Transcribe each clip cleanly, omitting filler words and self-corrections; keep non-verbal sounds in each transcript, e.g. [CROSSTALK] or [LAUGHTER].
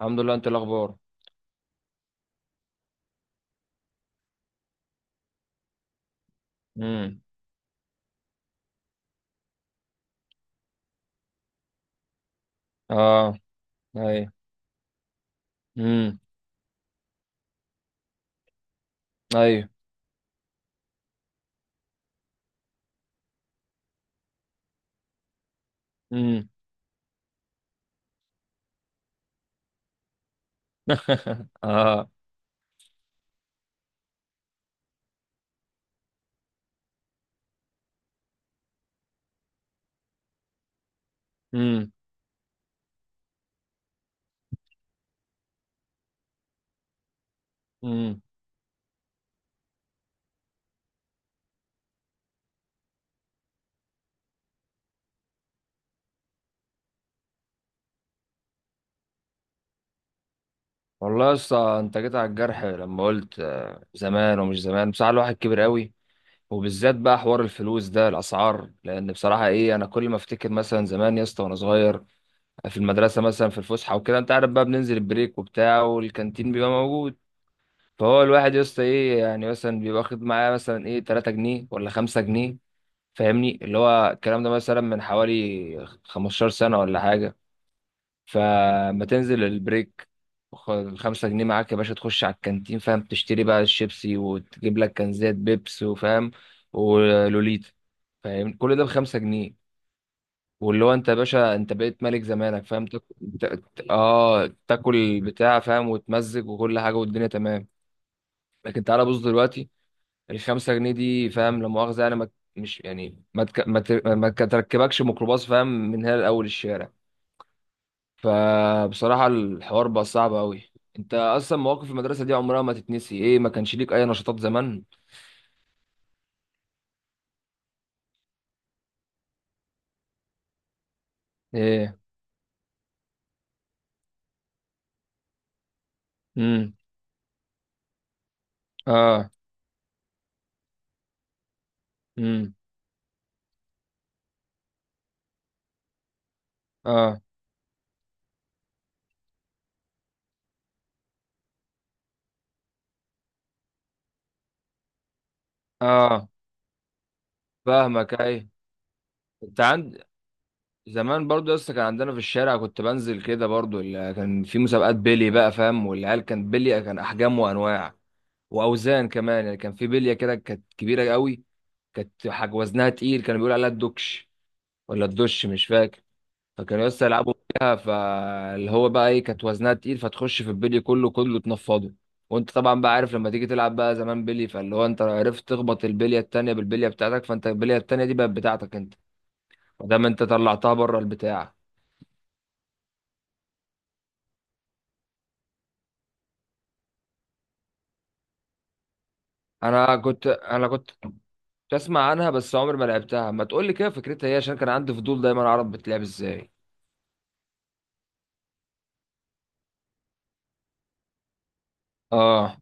الحمد لله. انت إيه الاخبار؟ امم. اه. ايوه. امم. ايوه. امم. [LAUGHS] اه. امم. امم. والله يا اسطى انت جيت على الجرح لما قلت زمان ومش زمان، بصراحه الواحد كبر قوي. وبالذات بقى حوار الفلوس ده الاسعار، لان بصراحه ايه انا كل ما افتكر مثلا زمان يا اسطى وانا صغير في المدرسه، مثلا في الفسحه وكده انت عارف بقى، بننزل البريك وبتاع والكانتين بيبقى موجود. فهو الواحد يا اسطى ايه يعني مثلا بيبقى واخد معاه مثلا ايه 3 جنيه ولا 5 جنيه، فاهمني؟ اللي هو الكلام ده مثلا من حوالي 15 سنة ولا حاجة. فما تنزل البريك، خد ال5 جنيه معاك يا باشا تخش على الكانتين، فاهم؟ تشتري بقى الشيبسي وتجيب لك كنزات بيبس وفاهم، ولوليتا. فاهم، كل ده ب5 جنيه. واللي هو انت يا باشا انت بقيت ملك زمانك، فاهم؟ تاكل. تاكل بتاع، فاهم؟ وتمزج وكل حاجة والدنيا تمام. لكن تعالى بص دلوقتي، ال5 جنيه دي، فاهم؟ لا مؤاخذة، يعني ما، مش يعني ما تك... ما, ت... ما ك- تركبكش ميكروباص، فاهم، من هنا لأول الشارع. فبصراحة الحوار بقى صعب أوي. أنت أصلا مواقف المدرسة دي عمرها ما تتنسي. إيه ما كانش ليك أي نشاطات زمان؟ إيه. امم. آه. امم. آه. آه فاهمك، أي. أنت عند زمان برضو يا اسطى كان عندنا في الشارع، كنت بنزل كده برضو، كان في مسابقات بيلي بقى فاهم، والعيال كان بيلي كان احجام وانواع واوزان كمان، يعني كان في بليه كده كانت كبيره قوي، كانت حاج وزنها تقيل كانوا بيقولوا عليها الدكش، ولا الدش مش فاكر. فكانوا لسه يلعبوا فيها، فاللي هو بقى ايه كانت وزنها تقيل فتخش في البلي كله كله تنفضه. وانت طبعا بقى عارف لما تيجي تلعب بقى زمان بلي، فاللي هو انت عرفت تخبط البليه التانيه بالبليه بتاعتك، فانت البليه التانيه دي بقت بتاعتك انت، ما دام انت طلعتها بره البتاع. انا كنت بسمع عنها بس عمري ما لعبتها. ما تقول لي كده فكرتها ايه عشان كان عندي فضول دايما اعرف بتلعب ازاي. اه.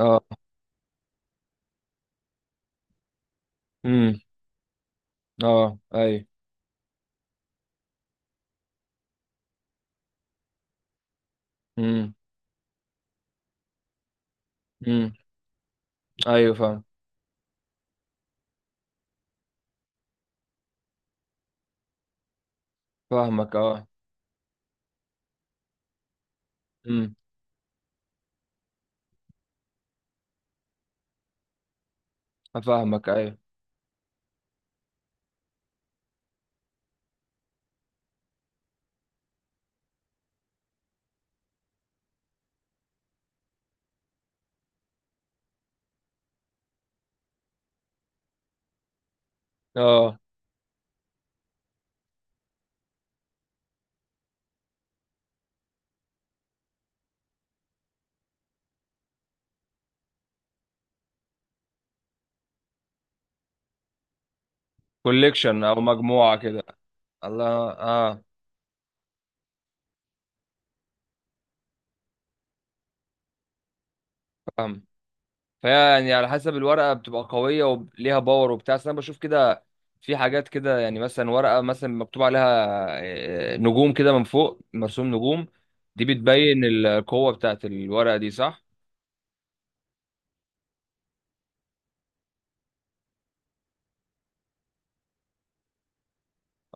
اه. امم. اه. ايوه. امم. امم. ايوه. فاهم. فاهمك. اه. امم. فاهمك. ايوه. اه، كوليكشن او مجموعة كده. الله. اه، فاهم. فيعني على حسب الورقة بتبقى قوية وليها باور وبتاع، بس أنا بشوف كده في حاجات كده، يعني مثلا ورقة مثلا مكتوب عليها نجوم كده من فوق مرسوم نجوم، دي بتبين القوة بتاعت الورقة دي، صح؟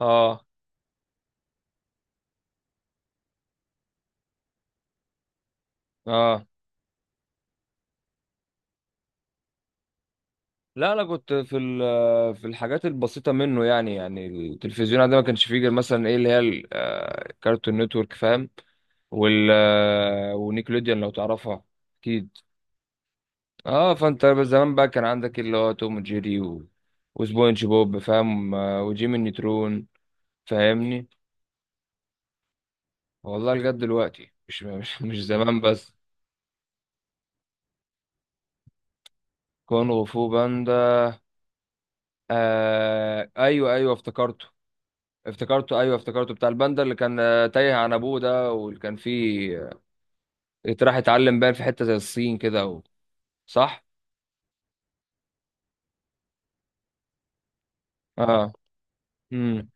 اه. اه، لا انا كنت في الحاجات البسيطه منه، يعني التلفزيون عندنا ما كانش فيه غير مثلا ايه، اللي هي كارتون نتورك، فاهم؟ وال ونيكلوديان لو تعرفها. اكيد. اه، فانت زمان بقى كان عندك اللي هو توم وجيري و... وسبونج بوب، فاهم؟ وجيمي نيترون. فاهمني. والله لجد دلوقتي مش [LAUGHS] مش زمان بس. كونغ فو باندا. آه ايوه ايوه افتكرته. افتكرته ايوه افتكرته، بتاع الباندا اللي كان تايه عن ابوه ده، واللي كان فيه راح يتعلم بقى في حته زي الصين كده صح. اه. امم.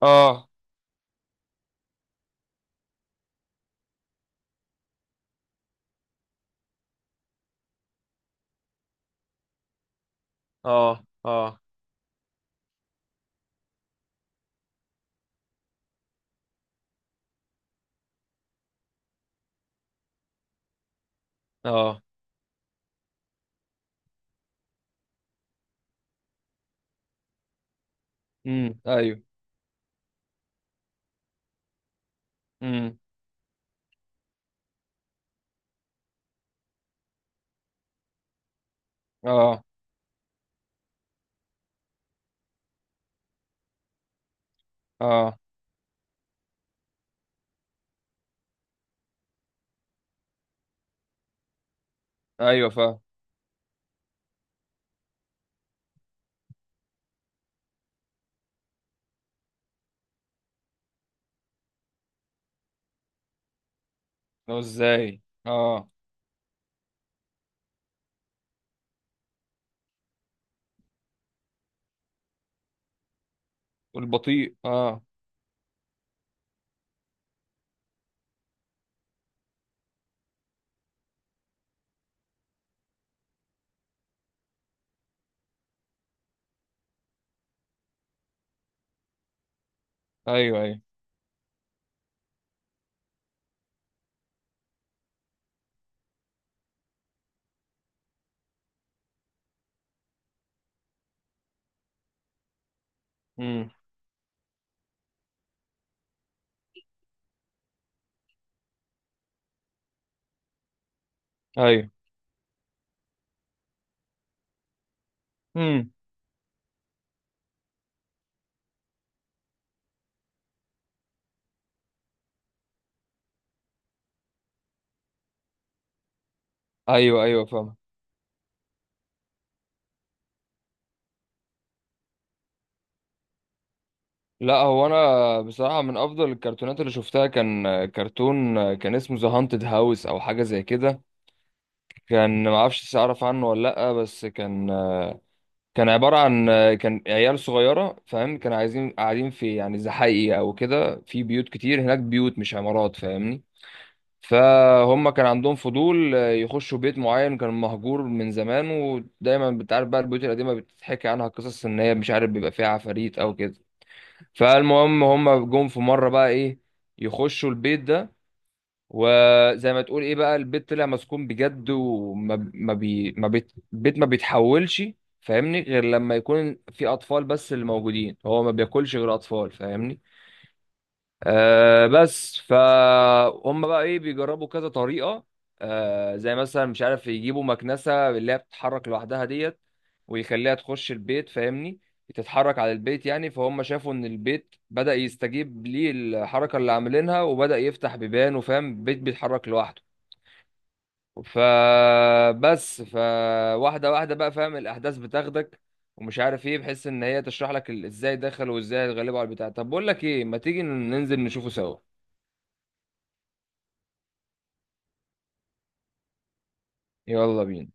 اه. اه. اه. اه. امم. ايوه. امم. اه. اه. ايوه فاهم. لو ازاي؟ اه. والبطيء اه. ايوه. ايوه. امم. ايوه. امم. ايوه. ايوه. فاهم. لا هو انا بصراحه من افضل الكرتونات اللي شفتها كان كرتون، كان اسمه ذا هانتد هاوس او حاجه زي كده. كان ما اعرفش اعرف عنه ولا لا، بس كان، كان عباره عن، كان عيال صغيره، فاهم؟ كانوا عايزين قاعدين في يعني زحايق او كده في بيوت كتير هناك، بيوت مش عمارات، فاهمني؟ فهم كان عندهم فضول يخشوا بيت معين كان مهجور من زمان، ودايما بتعرف بقى البيوت القديمة بتتحكي عنها قصص ان هي مش عارف بيبقى فيها عفاريت او كده. فالمهم هم جم في مرة بقى ايه، يخشوا البيت ده. وزي ما تقول ايه بقى البيت طلع مسكون بجد، وما ما بي ما بيت البيت ما بيتحولش، فاهمني، غير لما يكون في اطفال بس اللي موجودين، هو ما بياكلش غير اطفال، فاهمني؟ آه بس فهم بقى ايه بيجربوا كذا طريقة، آه زي مثلا مش عارف يجيبوا مكنسة اللي هي بتتحرك لوحدها ديت، ويخليها تخش البيت، فاهمني؟ تتحرك على البيت يعني، فهم شافوا ان البيت بدأ يستجيب ليه الحركة اللي عاملينها، وبدأ يفتح بيبان وفاهم بيت بيتحرك لوحده. فبس فواحدة واحدة بقى فاهم الأحداث بتاخدك، ومش عارف ايه، بحيث ان هي تشرح لك ازاي دخل وازاي اتغلبوا على البتاع. طب بقول لك ايه، ما تيجي ننزل نشوفه سوا. يلا بينا.